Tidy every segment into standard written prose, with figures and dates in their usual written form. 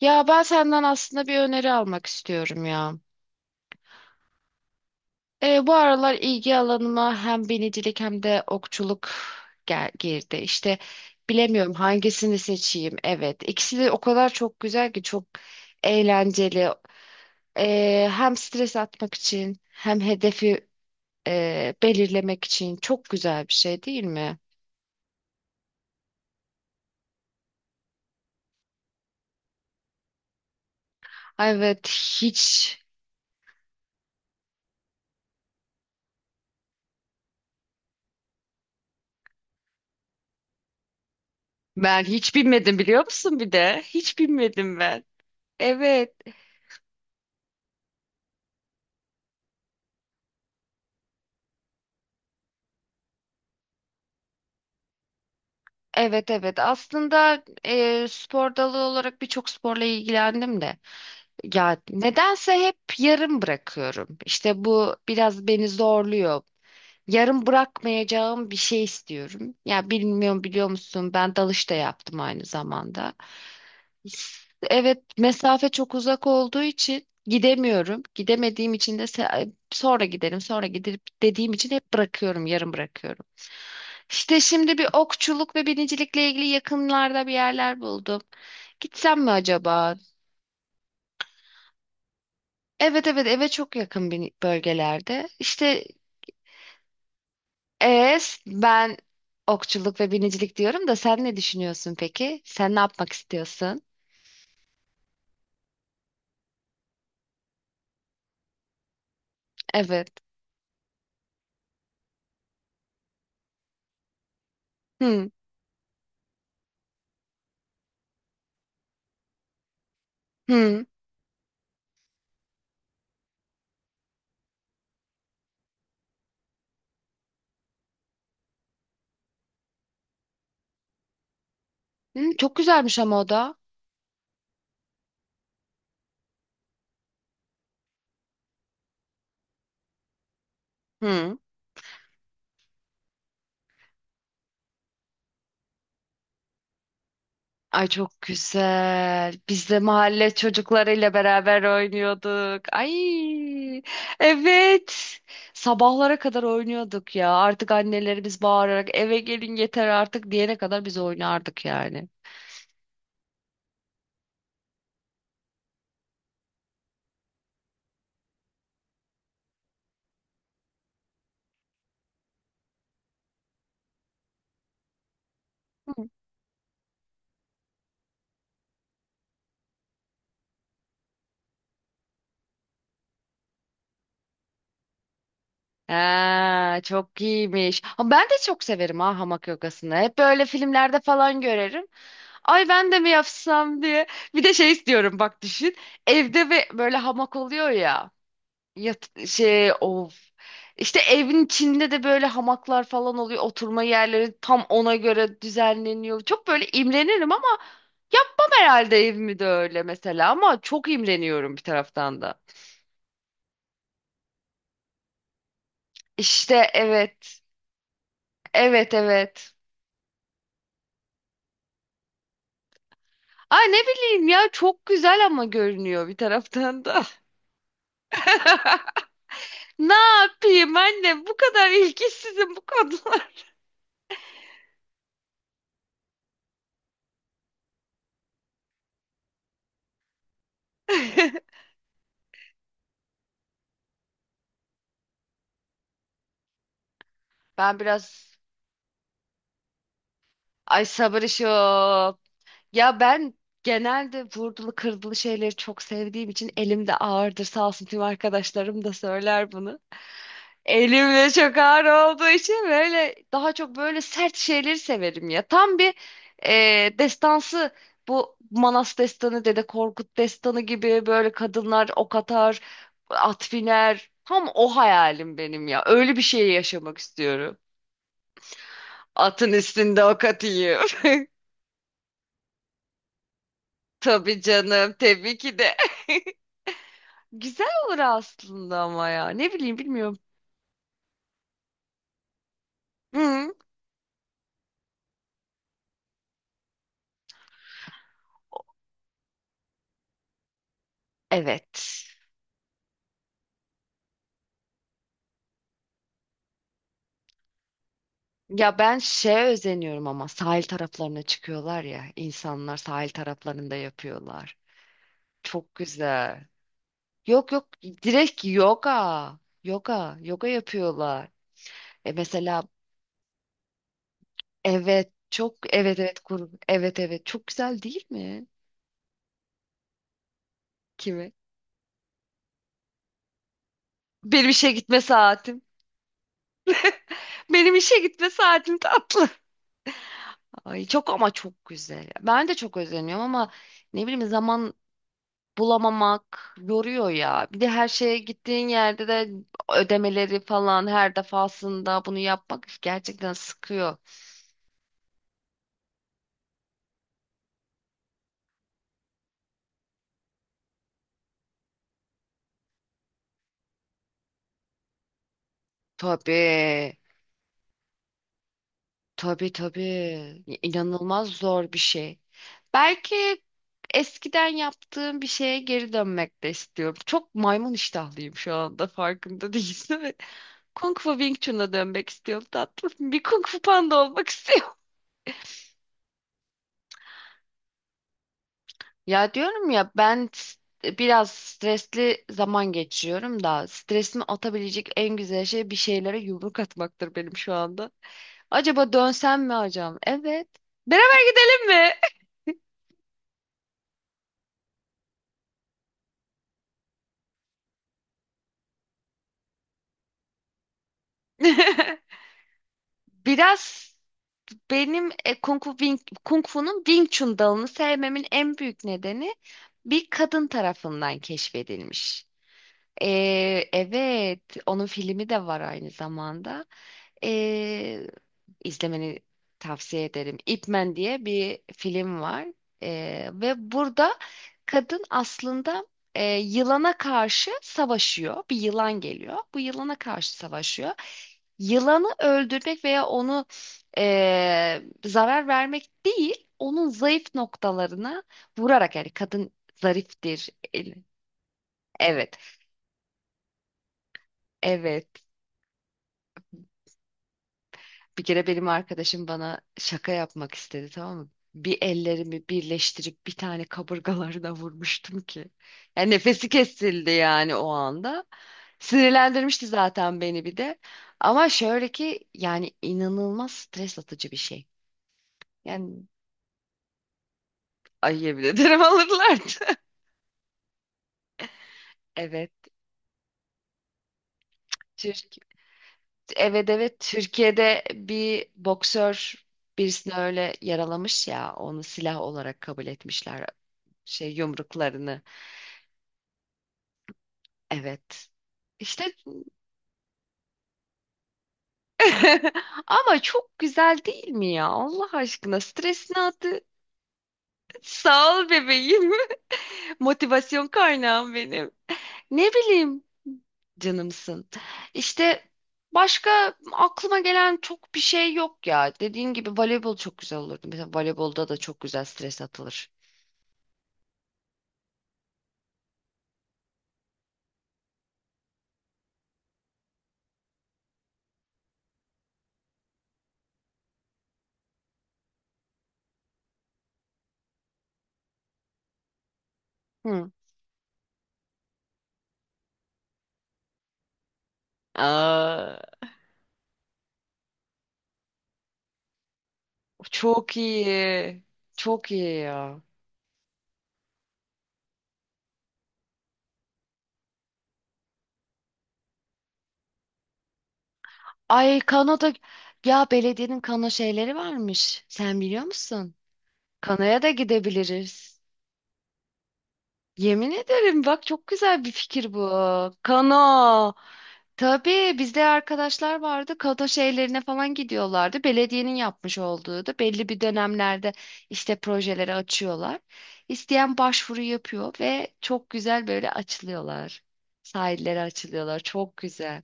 Ya ben senden aslında bir öneri almak istiyorum ya. Bu aralar ilgi alanıma hem binicilik hem de okçuluk gel girdi. İşte bilemiyorum hangisini seçeyim. Evet, ikisi de o kadar çok güzel ki çok eğlenceli. Hem stres atmak için hem hedefi belirlemek için çok güzel bir şey değil mi? Ay, evet, hiç ben hiç bilmedim biliyor musun bir de? Hiç bilmedim ben. Evet. Evet, evet, aslında spor dalı olarak birçok sporla ilgilendim de ya nedense hep yarım bırakıyorum. İşte bu biraz beni zorluyor. Yarım bırakmayacağım bir şey istiyorum. Ya bilmiyorum biliyor musun ben dalış da yaptım aynı zamanda. Evet, mesafe çok uzak olduğu için gidemiyorum. Gidemediğim için de sonra gidelim, sonra gidip dediğim için hep bırakıyorum, yarım bırakıyorum. İşte şimdi bir okçuluk ve binicilikle ilgili yakınlarda bir yerler buldum. Gitsem mi acaba? Evet, evet, eve çok yakın bir bölgelerde. İşte ben okçuluk ve binicilik diyorum da sen ne düşünüyorsun peki? Sen ne yapmak istiyorsun? Evet. Hı. Hı. Hı, çok güzelmiş ama o da. Hı. Ay, çok güzel. Biz de mahalle çocuklarıyla beraber oynuyorduk. Ay, evet. Sabahlara kadar oynuyorduk ya. Artık annelerimiz bağırarak eve gelin yeter artık diyene kadar biz oynardık yani. Hı. Ha, çok iyiymiş. Ama ben de çok severim ha hamak yogasını. Hep böyle filmlerde falan görerim. Ay ben de mi yapsam diye. Bir de şey istiyorum bak düşün. Evde ve böyle hamak oluyor ya. Yat şey of. İşte evin içinde de böyle hamaklar falan oluyor. Oturma yerleri tam ona göre düzenleniyor. Çok böyle imrenirim ama yapmam herhalde evimi de öyle mesela. Ama çok imreniyorum bir taraftan da. İşte evet. Evet, evet. Ay ne bileyim ya çok güzel ama görünüyor bir taraftan da. Ne yapayım anne bu kadar ilgisizim bu konular. Ben biraz ay sabır işi o. Ya ben genelde vurdulu kırdılı şeyleri çok sevdiğim için elimde ağırdır. Sağ olsun tüm arkadaşlarım da söyler bunu. Elimde çok ağır olduğu için böyle daha çok böyle sert şeyleri severim ya. Tam bir destansı bu Manas destanı, Dede Korkut destanı gibi böyle kadınlar ok atar, at biner. Tam o hayalim benim ya. Öyle bir şey yaşamak istiyorum. Atın üstünde ok atayım. Tabii canım, tabii ki de. Güzel olur aslında ama ya. Ne bileyim bilmiyorum. Hı. Evet. Ya ben şeye özeniyorum ama sahil taraflarına çıkıyorlar ya. İnsanlar sahil taraflarında yapıyorlar. Çok güzel. Yok, yok, direkt yoga. Yoga. Yoga yapıyorlar. E mesela evet çok evet evet kur evet evet çok güzel değil mi? Kimi? Benim işe gitme saatim. Benim işe gitme saatim tatlı. Ay çok ama çok güzel. Ben de çok özeniyorum ama ne bileyim zaman bulamamak yoruyor ya. Bir de her şeye gittiğin yerde de ödemeleri falan her defasında bunu yapmak gerçekten sıkıyor. Tabii. Tabii, tabii. İnanılmaz zor bir şey. Belki eskiden yaptığım bir şeye geri dönmek de istiyorum. Çok maymun iştahlıyım şu anda farkında değilsin. Kung Fu Wing Chun'a dönmek istiyorum tatlım. Bir Kung Fu Panda olmak istiyorum. Ya diyorum ya biraz stresli zaman geçiriyorum da stresimi atabilecek en güzel şey bir şeylere yumruk atmaktır benim şu anda. Acaba dönsem mi hocam? Evet. Beraber gidelim mi? Biraz benim Kung Fu'nun Wing Chun dalını sevmemin en büyük nedeni bir kadın tarafından keşfedilmiş. Evet, onun filmi de var aynı zamanda. E, izlemeni tavsiye ederim. Ip Man diye bir film var. Ve burada kadın aslında yılana karşı savaşıyor. Bir yılan geliyor. Bu yılana karşı savaşıyor. Yılanı öldürmek veya onu zarar vermek değil, onun zayıf noktalarına vurarak yani kadın zariftir. El- Evet, evet. Bir kere benim arkadaşım bana şaka yapmak istedi tamam mı? Bir ellerimi birleştirip bir tane kaburgalarına vurmuştum ki. Yani nefesi kesildi yani o anda. Sinirlendirmişti zaten beni bir de. Ama şöyle ki yani inanılmaz stres atıcı bir şey. Yani ayıya bile derim alırlardı. Evet. Türk, evet, evet, Türkiye'de bir boksör birisini öyle yaralamış ya onu silah olarak kabul etmişler şey yumruklarını. Evet. İşte ama çok güzel değil mi ya? Allah aşkına stresini attı. Sağ ol bebeğim. Motivasyon kaynağım benim. Ne bileyim canımsın. İşte başka aklıma gelen çok bir şey yok ya. Dediğin gibi voleybol çok güzel olurdu. Mesela voleybolda da çok güzel stres atılır. Hı. Aa, çok iyi. Çok iyi ya. Ay kanoda ya belediyenin kano şeyleri varmış. Sen biliyor musun? Kanoya da gidebiliriz. Yemin ederim bak çok güzel bir fikir bu. Kano. Tabii bizde arkadaşlar vardı. Kano şeylerine falan gidiyorlardı. Belediyenin yapmış olduğu da belli bir dönemlerde işte projeleri açıyorlar. İsteyen başvuru yapıyor ve çok güzel böyle açılıyorlar. Sahillere açılıyorlar. Çok güzel.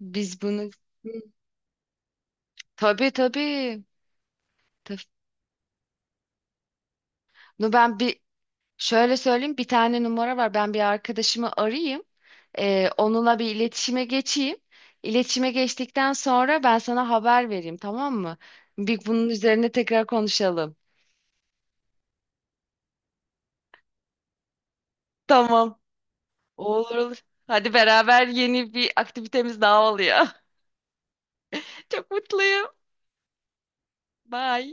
Biz bunu Hı. Tabii, tabii. No ben bir şöyle söyleyeyim bir tane numara var. Ben bir arkadaşımı arayayım. Onunla bir iletişime geçeyim. İletişime geçtikten sonra ben sana haber vereyim tamam mı? Bir bunun üzerine tekrar konuşalım. Tamam. Olur, olur. Hadi beraber yeni bir aktivitemiz daha oluyor. Çok mutluyum. Bye.